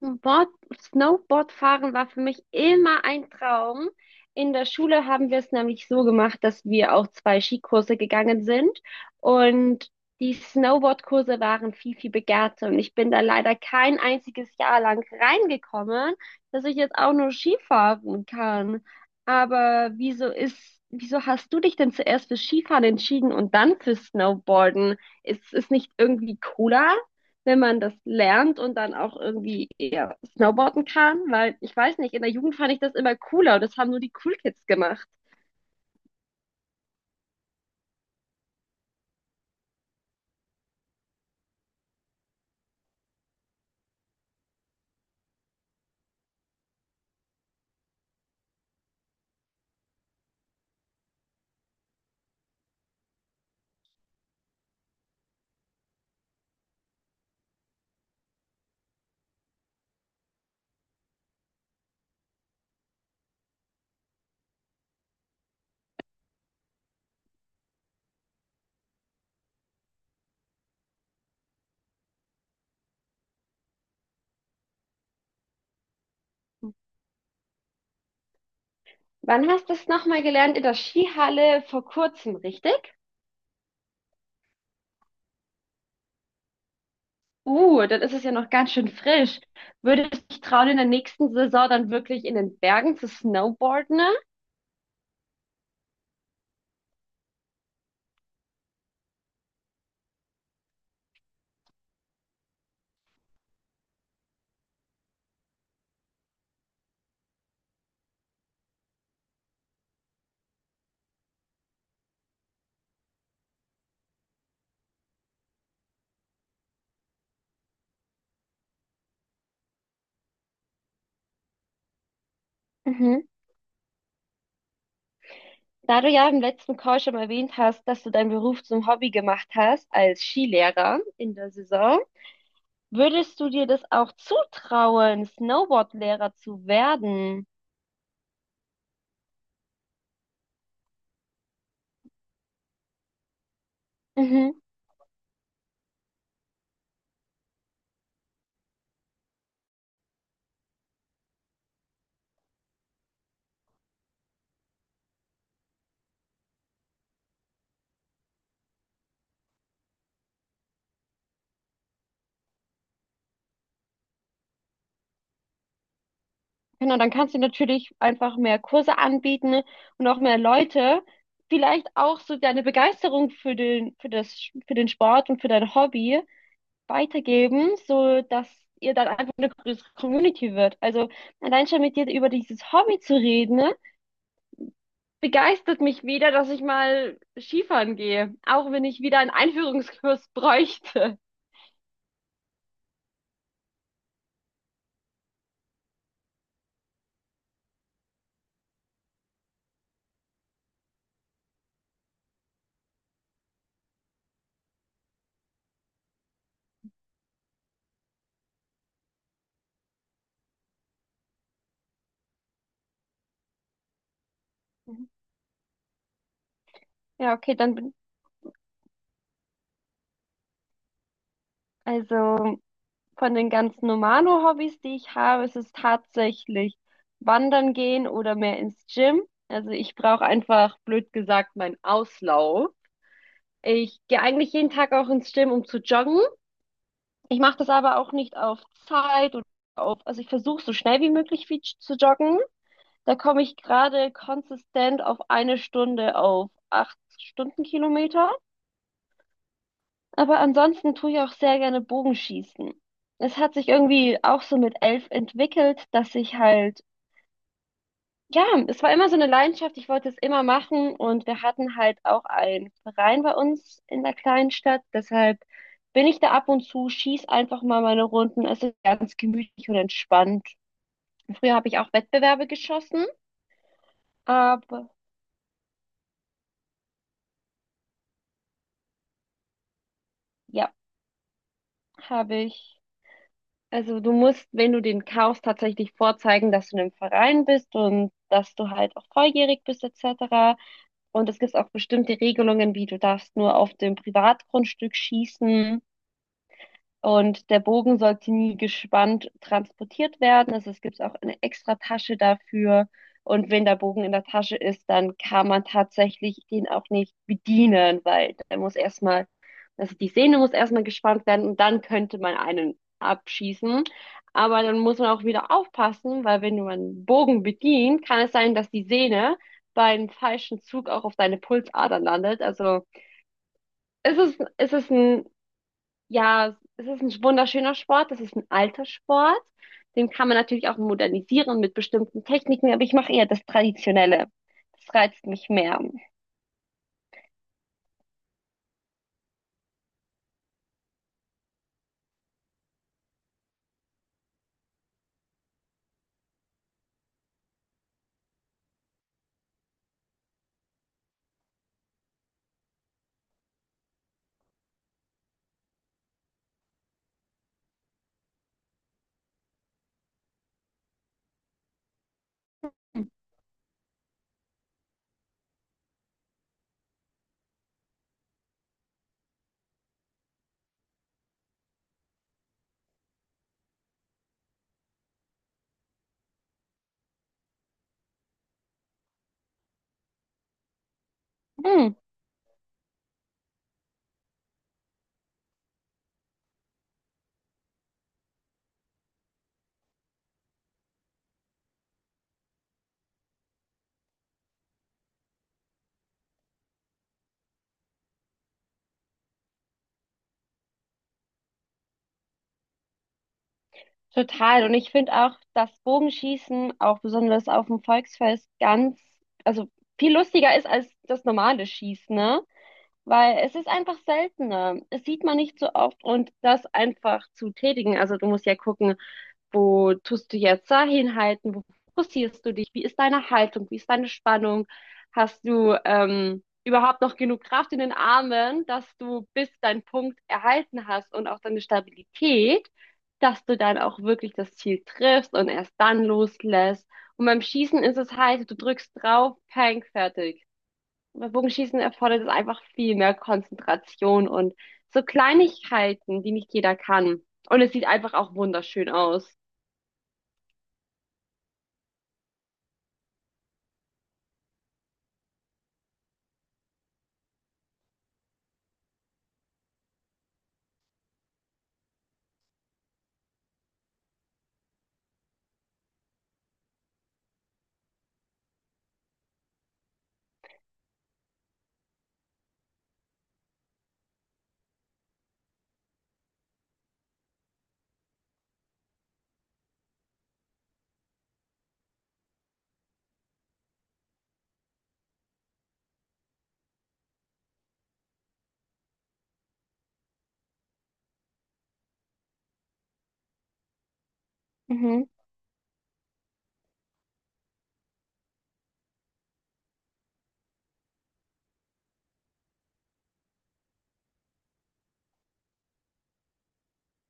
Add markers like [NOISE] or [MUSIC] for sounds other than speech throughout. Board, Snowboardfahren war für mich immer ein Traum. In der Schule haben wir es nämlich so gemacht, dass wir auch zwei Skikurse gegangen sind und die Snowboardkurse waren viel, viel begehrter und ich bin da leider kein einziges Jahr lang reingekommen, dass ich jetzt auch nur Skifahren kann. Aber wieso hast du dich denn zuerst für Skifahren entschieden und dann für Snowboarden? Ist es nicht irgendwie cooler, wenn man das lernt und dann auch irgendwie eher snowboarden kann, weil ich weiß nicht, in der Jugend fand ich das immer cooler und das haben nur die Cool Kids gemacht. Wann hast du es nochmal gelernt? In der Skihalle vor kurzem, richtig? Dann ist es ja noch ganz schön frisch. Würdest du dich trauen, in der nächsten Saison dann wirklich in den Bergen zu snowboarden? Mhm. Da du ja im letzten Call schon erwähnt hast, dass du deinen Beruf zum Hobby gemacht hast als Skilehrer in der Saison, würdest du dir das auch zutrauen, Snowboardlehrer zu werden? Mhm. Genau, dann kannst du natürlich einfach mehr Kurse anbieten und auch mehr Leute. Vielleicht auch so deine Begeisterung für den Sport und für dein Hobby weitergeben, so dass ihr dann einfach eine größere Community wird. Also allein schon mit dir über dieses Hobby zu reden, ne, begeistert mich wieder, dass ich mal Skifahren gehe, auch wenn ich wieder einen Einführungskurs [LAUGHS] bräuchte. Mhm. Ja, okay, dann Also von den ganzen Normalo-Hobbys, die ich habe, ist es tatsächlich wandern gehen oder mehr ins Gym. Also ich brauche einfach, blöd gesagt, meinen Auslauf. Ich gehe eigentlich jeden Tag auch ins Gym, um zu joggen. Ich mache das aber auch nicht auf Zeit oder auf, also ich versuche so schnell wie möglich viel zu joggen. Da komme ich gerade konsistent auf eine Stunde auf 8 Stundenkilometer. Aber ansonsten tue ich auch sehr gerne Bogenschießen. Es hat sich irgendwie auch so mit 11 entwickelt, dass ich halt, ja, es war immer so eine Leidenschaft, ich wollte es immer machen und wir hatten halt auch einen Verein bei uns in der kleinen Stadt, deshalb bin ich da ab und zu, schieß einfach mal meine Runden, es ist ganz gemütlich und entspannt. Früher habe ich auch Wettbewerbe geschossen, aber ja, habe ich. Also du musst, wenn du den kaufst, tatsächlich vorzeigen, dass du in einem Verein bist und dass du halt auch volljährig bist etc. Und es gibt auch bestimmte Regelungen, wie du darfst nur auf dem Privatgrundstück schießen und der Bogen sollte nie gespannt transportiert werden. Also es gibt auch eine extra Tasche dafür. Und wenn der Bogen in der Tasche ist, dann kann man tatsächlich den auch nicht bedienen, weil der muss erstmal, also die Sehne muss erstmal gespannt werden und dann könnte man einen abschießen. Aber dann muss man auch wieder aufpassen, weil wenn man einen Bogen bedient, kann es sein, dass die Sehne beim falschen Zug auch auf deine Pulsadern landet. Also es ist, es ist ein ja, es ist ein wunderschöner Sport, es ist ein alter Sport. Den kann man natürlich auch modernisieren mit bestimmten Techniken, aber ich mache eher das Traditionelle. Das reizt mich mehr. Hm, total. Und ich finde auch das Bogenschießen, auch besonders auf dem Volksfest, ganz, also viel lustiger ist als das normale Schießen, ne? Weil es ist einfach seltener. Es sieht man nicht so oft und das einfach zu tätigen. Also du musst ja gucken, wo tust du jetzt da hinhalten? Wo fokussierst du dich? Wie ist deine Haltung? Wie ist deine Spannung? Hast du überhaupt noch genug Kraft in den Armen, dass du bis deinen Punkt erhalten hast und auch deine Stabilität, dass du dann auch wirklich das Ziel triffst und erst dann loslässt? Und beim Schießen ist es halt, du drückst drauf, peng, fertig. Und beim Bogenschießen erfordert es einfach viel mehr Konzentration und so Kleinigkeiten, die nicht jeder kann. Und es sieht einfach auch wunderschön aus. Mhm.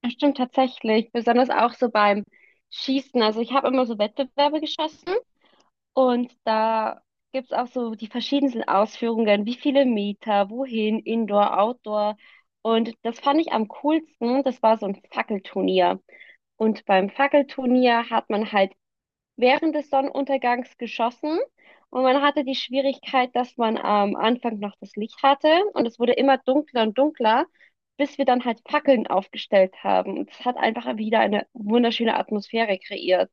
Das stimmt tatsächlich, besonders auch so beim Schießen. Also ich habe immer so Wettbewerbe geschossen und da gibt's auch so die verschiedensten Ausführungen, wie viele Meter, wohin, Indoor, Outdoor. Und das fand ich am coolsten, das war so ein Fackelturnier. Und beim Fackelturnier hat man halt während des Sonnenuntergangs geschossen und man hatte die Schwierigkeit, dass man am Anfang noch das Licht hatte und es wurde immer dunkler und dunkler, bis wir dann halt Fackeln aufgestellt haben. Und es hat einfach wieder eine wunderschöne Atmosphäre kreiert.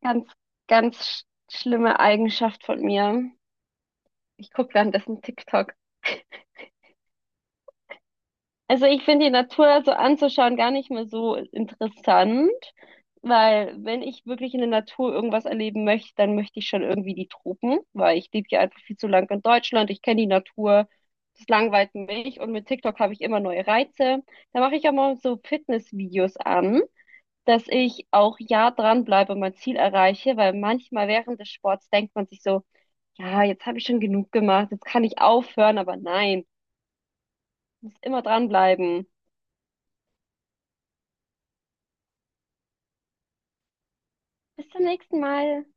Ganz, ganz schlimme Eigenschaft von mir. Ich gucke währenddessen TikTok. Also ich finde die Natur so anzuschauen gar nicht mehr so interessant, weil wenn ich wirklich in der Natur irgendwas erleben möchte, dann möchte ich schon irgendwie die Tropen, weil ich lebe hier einfach viel zu lang in Deutschland, ich kenne die Natur, das langweilt mich und mit TikTok habe ich immer neue Reize. Da mache ich auch mal so Fitnessvideos an, dass ich auch ja dranbleibe und mein Ziel erreiche, weil manchmal während des Sports denkt man sich so, ja, jetzt habe ich schon genug gemacht, jetzt kann ich aufhören, aber nein, ich muss immer dranbleiben. Bis zum nächsten Mal.